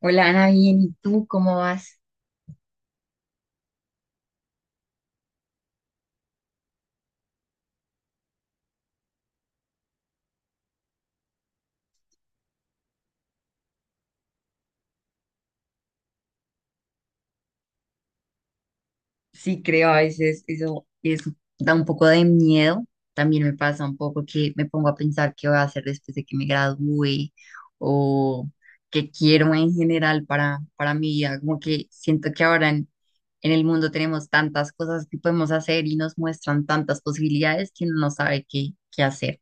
Hola Ana, bien, ¿y tú cómo vas? Sí, creo, a veces eso da un poco de miedo. También me pasa un poco que me pongo a pensar qué voy a hacer después de que me gradúe o qué quiero en general para mi vida. Como que siento que ahora en el mundo tenemos tantas cosas que podemos hacer y nos muestran tantas posibilidades que uno no sabe qué hacer.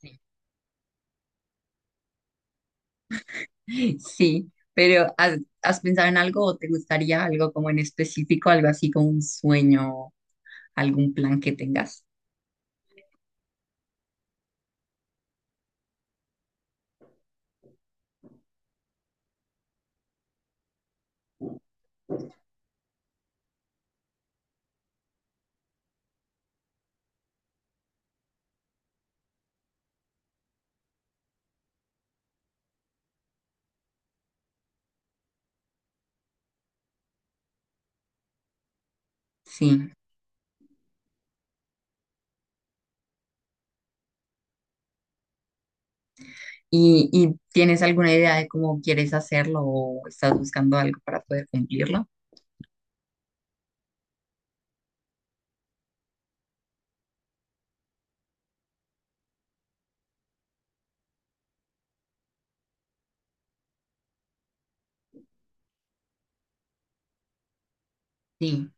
Sí, sí, pero has pensado en algo o te gustaría algo como en específico, algo así como un sueño? Algún plan que tengas. Sí. Y tienes alguna idea de cómo quieres hacerlo o estás buscando algo para poder cumplirlo? Sí.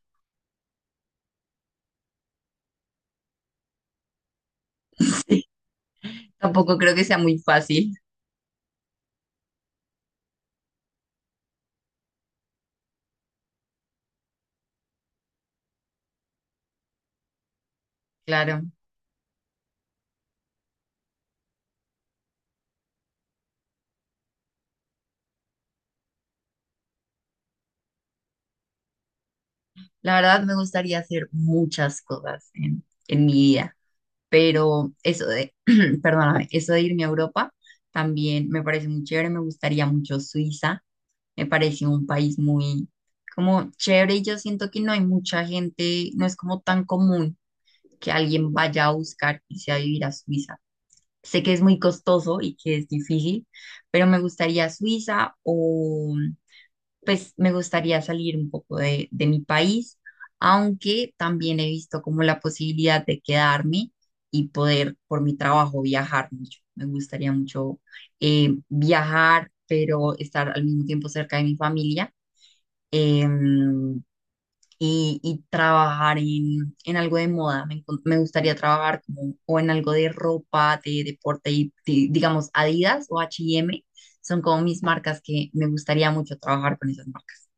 Sí. Tampoco creo que sea muy fácil, claro. La verdad me gustaría hacer muchas cosas en mi vida, pero perdóname, eso de irme a Europa también me parece muy chévere, me gustaría mucho Suiza, me parece un país muy como chévere y yo siento que no hay mucha gente, no es como tan común que alguien vaya a buscar irse a vivir a Suiza. Sé que es muy costoso y que es difícil, pero me gustaría Suiza o pues me gustaría salir un poco de mi país, aunque también he visto como la posibilidad de quedarme y poder por mi trabajo viajar mucho. Me gustaría mucho viajar, pero estar al mismo tiempo cerca de mi familia, em, y trabajar en algo de moda. Me gustaría trabajar como, o en algo de ropa, de deporte, digamos Adidas o H&M. Son como mis marcas que me gustaría mucho trabajar con esas marcas.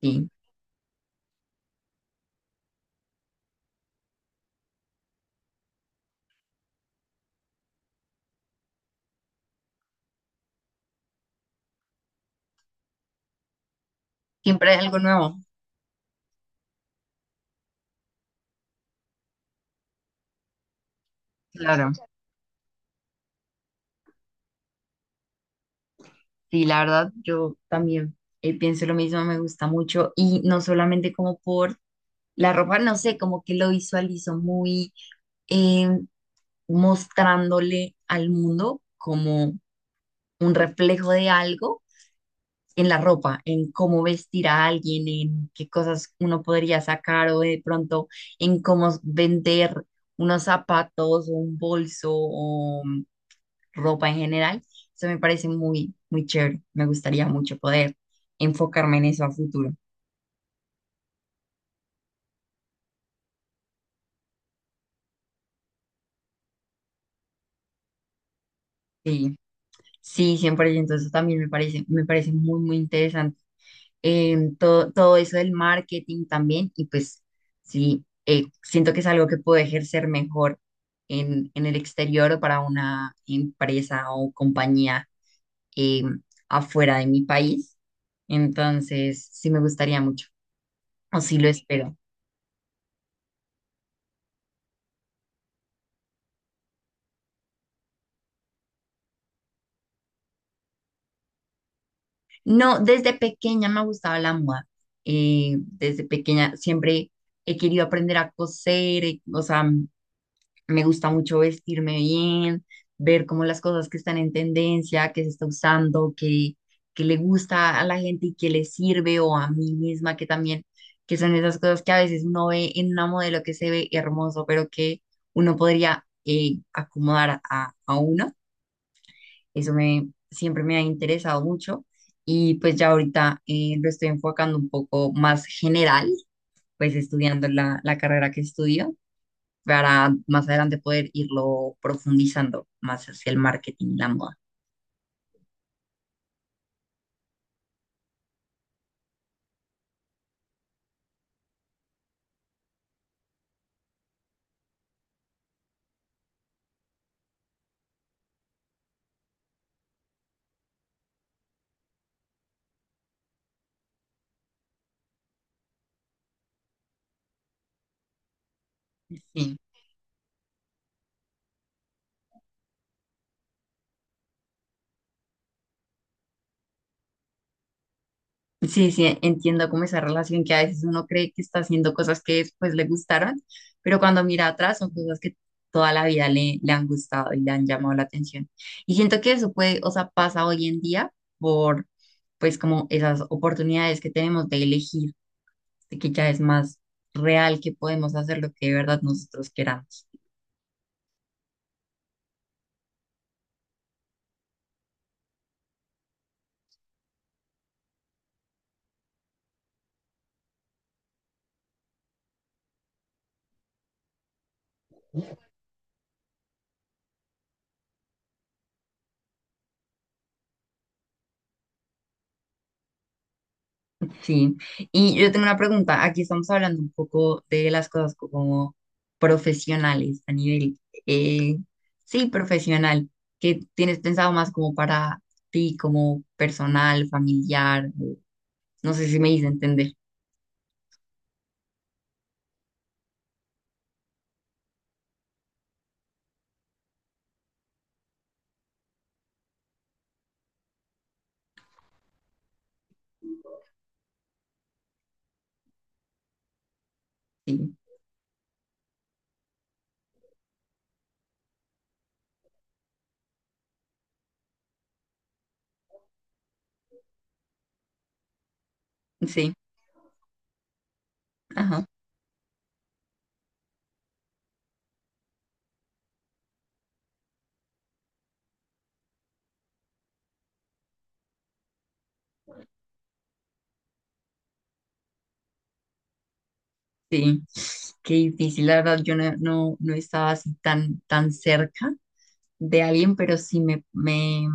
Sí. Siempre hay algo nuevo, claro. Sí, la verdad, yo también pienso lo mismo, me gusta mucho y no solamente como por la ropa, no sé, como que lo visualizo muy eh, mostrándole al mundo como un reflejo de algo en la ropa, en cómo vestir a alguien, en qué cosas uno podría sacar o de pronto en cómo vender unos zapatos o un bolso o ropa en general. Eso me parece muy chévere. Me gustaría mucho poder enfocarme en eso a futuro. Sí, sí, 100%. Entonces también me parece muy interesante. Todo eso del marketing también. Y pues sí, siento que es algo que puedo ejercer mejor en el exterior o para una empresa o compañía, em, afuera de mi país. Entonces, sí me gustaría mucho, o sí lo espero. No, desde pequeña me ha gustado la moda. Desde pequeña siempre he querido aprender a coser, o sea, me gusta mucho vestirme bien, ver como las cosas que están en tendencia, que se está usando, que le gusta a la gente y que le sirve o a mí misma, que también, que son esas cosas que a veces uno ve en una modelo que se ve hermoso, pero que uno podría acomodar a uno. Siempre me ha interesado mucho y pues ya ahorita lo estoy enfocando un poco más general, pues estudiando la carrera que estudio para más adelante poder irlo profundizando más hacia el marketing y la moda. Sí. Sí, sí, entiendo como esa relación que a veces uno cree que está haciendo cosas que después le gustaron, pero cuando mira atrás son cosas que toda la vida le han gustado y le han llamado la atención. Y siento que eso puede, o sea, pasa hoy en día por, pues, como esas oportunidades que tenemos de elegir, de que ya es más real que podemos hacer lo que de verdad nosotros queramos. Sí, y yo tengo una pregunta. Aquí estamos hablando un poco de las cosas como profesionales a nivel, eh, sí, profesional. ¿Qué tienes pensado más como para ti, como personal, familiar? No sé si me hice entender. Sí, sí, ajá, sí. Qué difícil, la verdad, yo no estaba así tan cerca de alguien, pero sí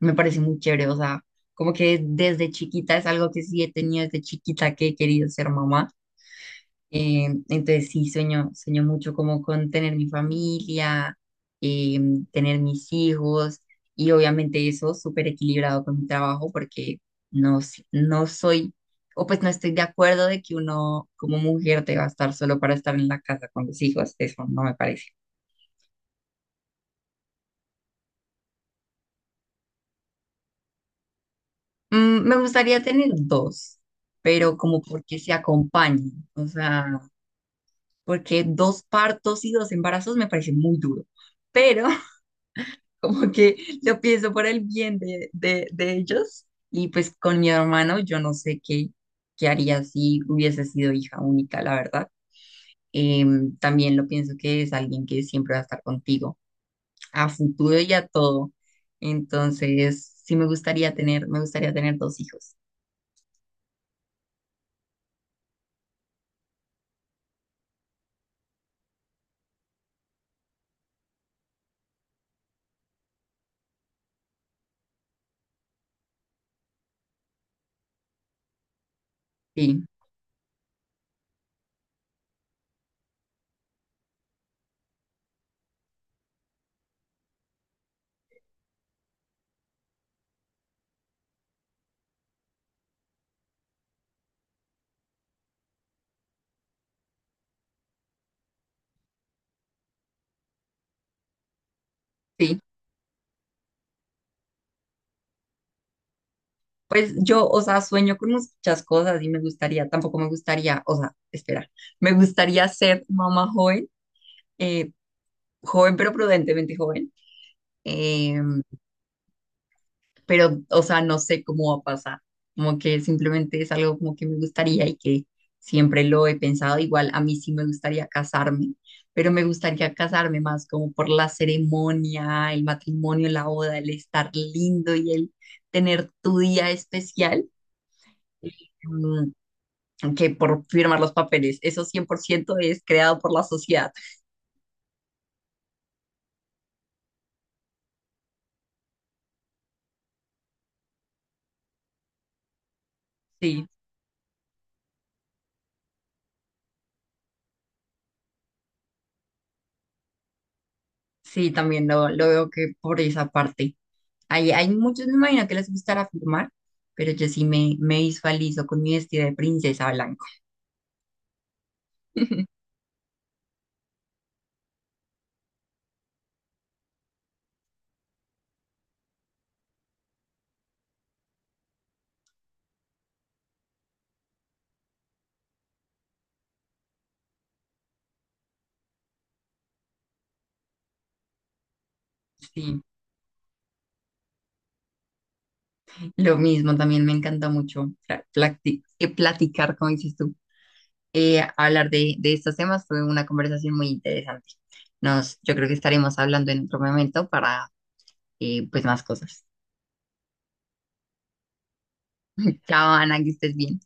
me parece muy chévere, o sea, como que desde chiquita es algo que sí he tenido desde chiquita que he querido ser mamá. Entonces sí, sueño mucho como con tener mi familia, eh, tener mis hijos y obviamente eso súper equilibrado con mi trabajo porque no, no soy, o pues no estoy de acuerdo de que uno como mujer deba estar solo para estar en la casa con los hijos, eso no me parece. Mm, me gustaría tener dos, pero como porque se acompañen, o sea, porque dos partos y dos embarazos me parece muy duro, pero como que lo pienso por el bien de ellos y pues con mi hermano yo no sé qué haría si hubiese sido hija única, la verdad. También lo pienso que es alguien que siempre va a estar contigo, a futuro y a todo. Entonces, sí me gustaría tener dos hijos. Sí, sí. Pues yo, o sea, sueño con muchas cosas y me gustaría, tampoco me gustaría, o sea, espera, me gustaría ser mamá joven, eh, joven pero prudentemente joven, eh, pero, o sea, no sé cómo va a pasar, como que simplemente es algo como que me gustaría y que siempre lo he pensado, igual a mí sí me gustaría casarme, pero me gustaría casarme más como por la ceremonia, el matrimonio, la boda, el estar lindo y el tener tu día especial. Mm, que por firmar los papeles. Eso 100% es creado por la sociedad. Sí, sí, también lo veo que por esa parte. Hay muchos, me imagino que les gustará firmar, pero yo sí me visualizo con mi vestido de princesa blanco. Sí, lo mismo, también me encanta mucho platicar, como dices tú, hablar de estos temas. Fue una conversación muy interesante. Nos, yo creo que estaremos hablando en otro momento para pues más cosas. Chao, Ana, que estés bien.